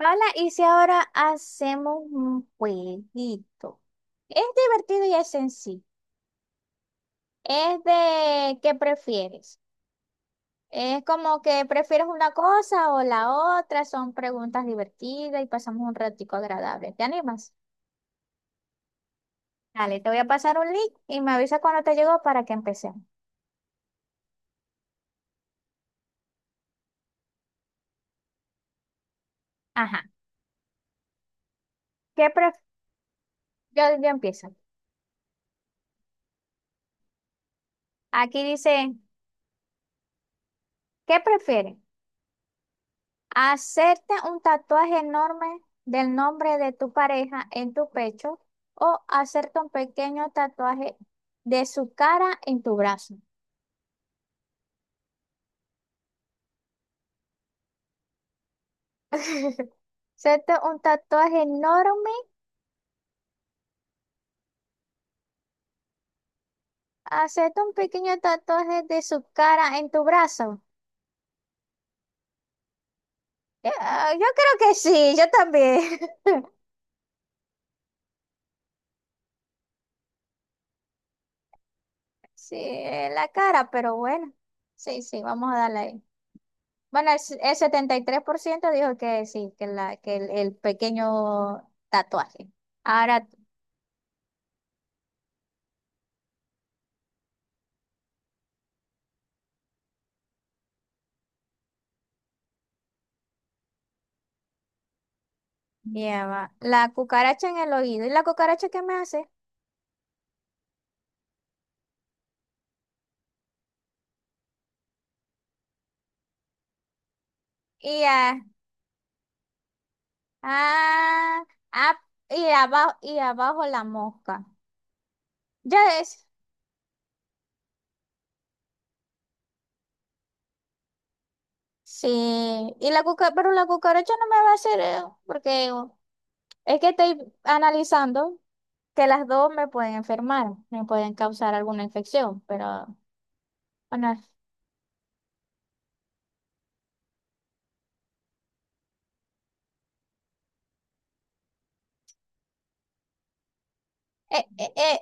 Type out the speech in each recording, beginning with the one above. Hola, y si ahora hacemos un jueguito. Es divertido y es sencillo. Es de qué prefieres. Es como que prefieres una cosa o la otra. Son preguntas divertidas y pasamos un ratico agradable. ¿Te animas? Dale, te voy a pasar un link y me avisa cuando te llegó para que empecemos. Ajá. ¿Qué pref- yo empiezo. Aquí dice, ¿qué prefieres? Hacerte un tatuaje enorme del nombre de tu pareja en tu pecho o hacerte un pequeño tatuaje de su cara en tu brazo. Hacerte un tatuaje enorme, hacerte un pequeño tatuaje de su cara en tu brazo. Yo creo que sí, yo también. Sí, en la cara, pero bueno. Sí, sí, vamos a darle ahí. Bueno, el 73% dijo que sí, que el pequeño tatuaje. Ahora lleva la cucaracha en el oído. ¿Y la cucaracha qué me hace? Y, ah, ah, ah, y abajo la mosca. Ya es. Sí. Y la cuca- pero la cucaracha no me va a hacer, porque es que estoy analizando que las dos me pueden enfermar, me pueden causar alguna infección, pero bueno. Eh, eh, eh,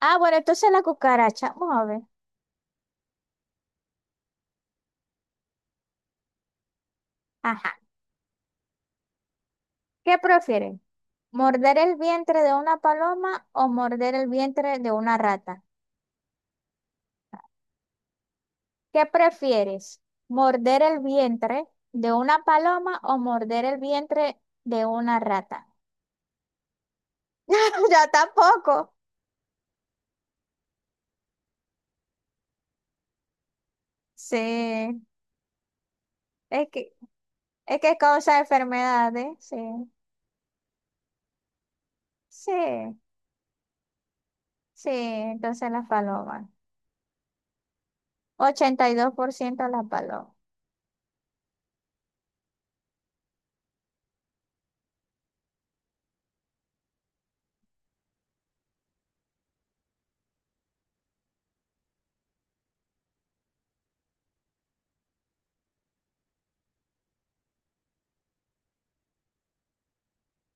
Ah, bueno, entonces la cucaracha. Vamos a ver. Ajá. ¿Qué prefieren? ¿Morder el vientre de una paloma o morder el vientre de una rata? ¿Qué prefieres? ¿Morder el vientre de una paloma o morder el vientre de una rata? Yo tampoco. Sí. Es que, es que causa enfermedades. Sí. Sí. Sí. Entonces las palomas. 82% las palomas.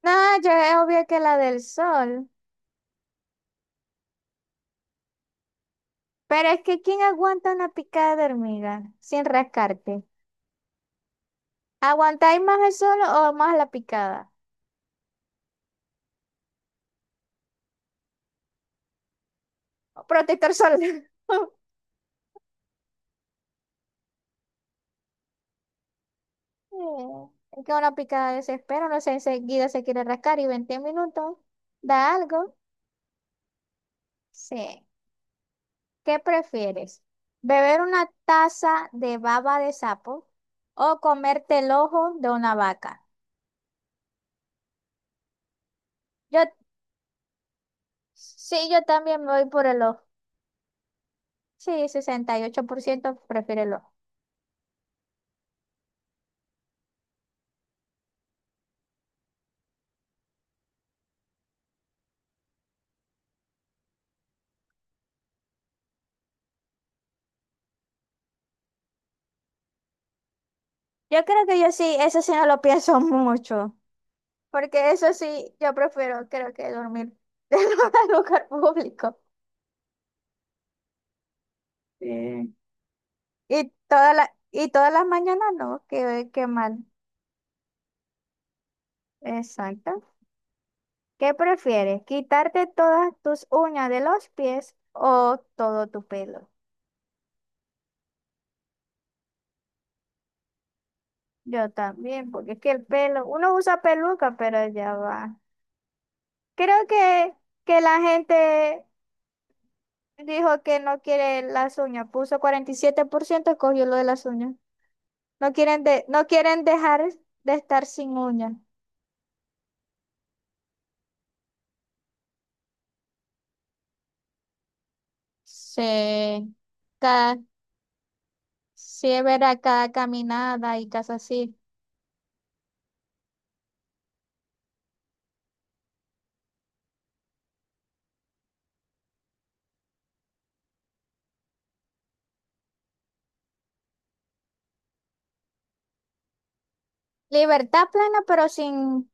No, yo es obvio que la del sol. Pero es que, ¿quién aguanta una picada de hormiga sin rascarte? ¿Aguantáis más el sol o más la picada? Protector solar. Mm, Es que una picada desespera, no sé, enseguida se quiere rascar y 20 minutos da algo. Sí. ¿Qué prefieres? ¿Beber una taza de baba de sapo o comerte el ojo de una vaca? Yo, sí, yo también me voy por el ojo. Sí, 68% prefiere el ojo. Yo creo que yo sí, eso sí no lo pienso mucho, porque eso sí, yo prefiero, creo que dormir en un lugar público. Sí. Y todas las mañanas no, qué, qué mal. Exacto. ¿Qué prefieres? ¿Quitarte todas tus uñas de los pies o todo tu pelo? Yo también, porque es que el pelo, uno usa peluca, pero ya va. Creo que la gente dijo que no quiere las uñas, puso 47% escogió lo de las uñas. No quieren, de, no quieren dejar de estar sin uñas. Sí, cada, sí es verdad, cada caminada y cosas así. Libertad plena, pero sin...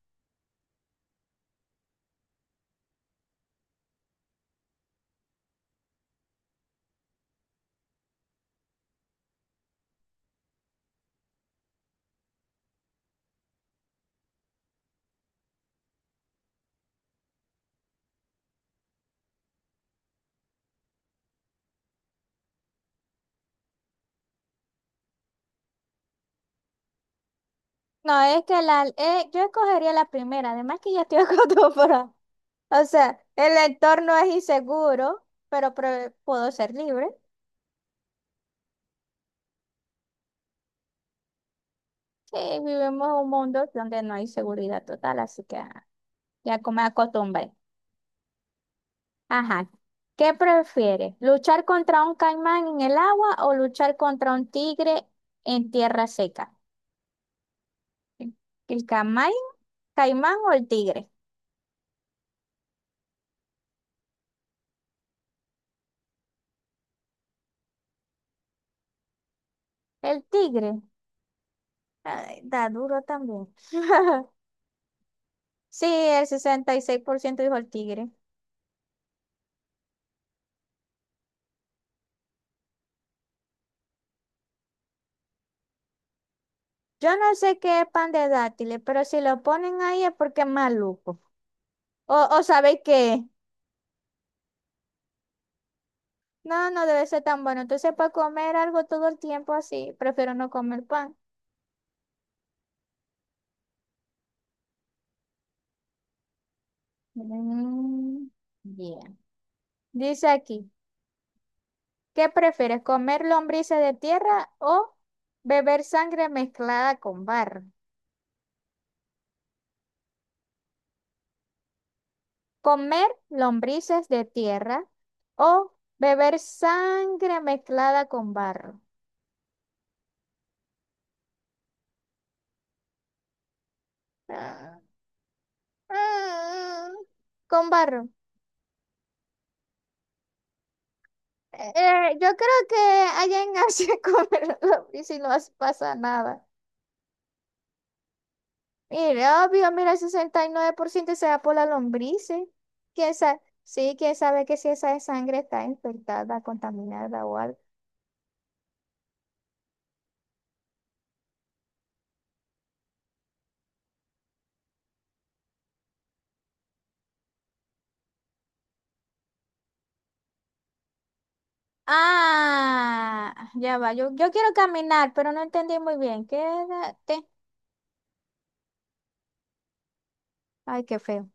No, es que la, yo escogería la primera, además que ya estoy acostumbrada. O sea, el entorno es inseguro, pero pre- puedo ser libre. Sí, vivimos un mundo donde no hay seguridad total, así que ya como me acostumbré. Ajá. ¿Qué prefieres? ¿Luchar contra un caimán en el agua o luchar contra un tigre en tierra seca? ¿El caimán o el tigre? El tigre. Ay, da duro también. Sí, el 66% dijo el tigre. Yo no sé qué es pan de dátiles, pero si lo ponen ahí es porque es maluco. O sabéis qué. No, no debe ser tan bueno. Entonces, para comer algo todo el tiempo así, prefiero no comer pan. Mm, yeah. Dice aquí, ¿qué prefieres, comer lombrices de tierra o beber sangre mezclada con barro? Comer lombrices de tierra o beber sangre mezclada con barro. Ah, ah, Con barro. Yo creo que allá en Asia comer lombrices y no pasa nada. Mira, obvio, mira, el 69% se da por las lombrices. ¿Quién sabe? Sí, quién sabe que si esa sangre está infectada, contaminada o algo. Ah, ya va. Yo quiero caminar, pero no entendí muy bien. Quédate. Ay, qué feo.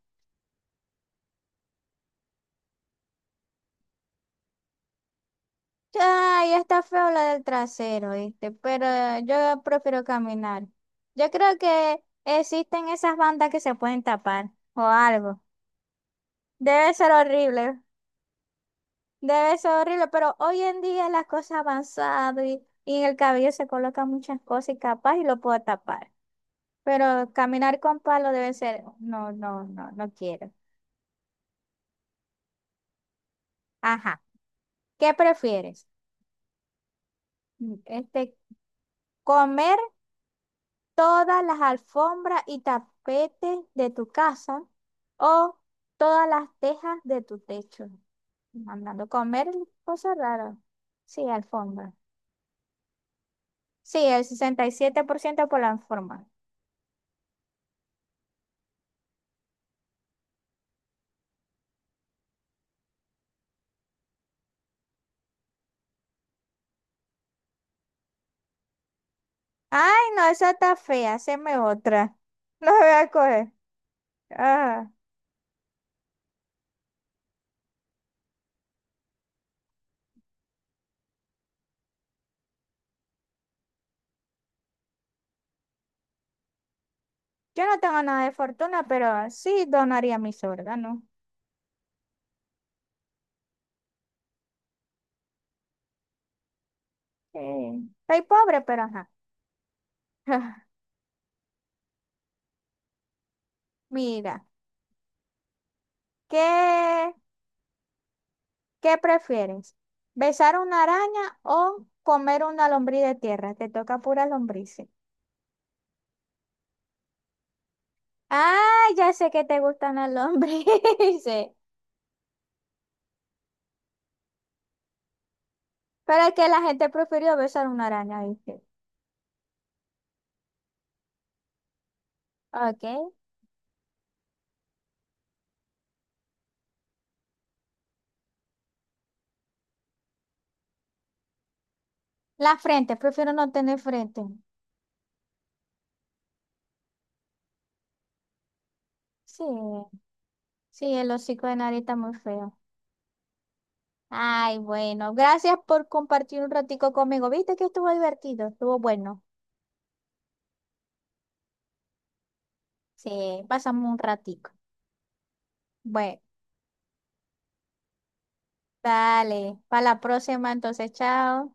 Ay, está feo la del trasero, ¿viste? Pero yo prefiero caminar. Yo creo que existen esas bandas que se pueden tapar o algo. Debe ser horrible. Debe ser horrible, pero hoy en día las cosas han avanzado y en el cabello se colocan muchas cosas y capaz y lo puedo tapar. Pero caminar con palo debe ser, no, no, no, no quiero. Ajá. ¿Qué prefieres? Mm, Este, comer todas las alfombras y tapetes de tu casa o todas las tejas de tu techo. Hablando, comer cosas raras. Sí, alfombra. Sí, el 67% por la alfombra. Ay, no, esa está fea, haceme otra. No voy a coger. Ah, yo no tengo nada de fortuna, pero sí donaría mis órganos. Eh, Soy pobre, pero ajá. Mira, ¿qué, qué prefieres? ¿Besar una araña o comer una lombriz de tierra? Te toca pura lombrices. Ah, ya sé que te gustan las lombrices. Pero es que la gente prefirió besar una araña, ¿viste? Ok. La frente, prefiero no tener frente. Sí. Sí, el hocico de nariz está muy feo. Ay, bueno, gracias por compartir un ratico conmigo. ¿Viste que estuvo divertido? Estuvo bueno. Sí, pasamos un ratico. Bueno, dale, para la próxima entonces, chao.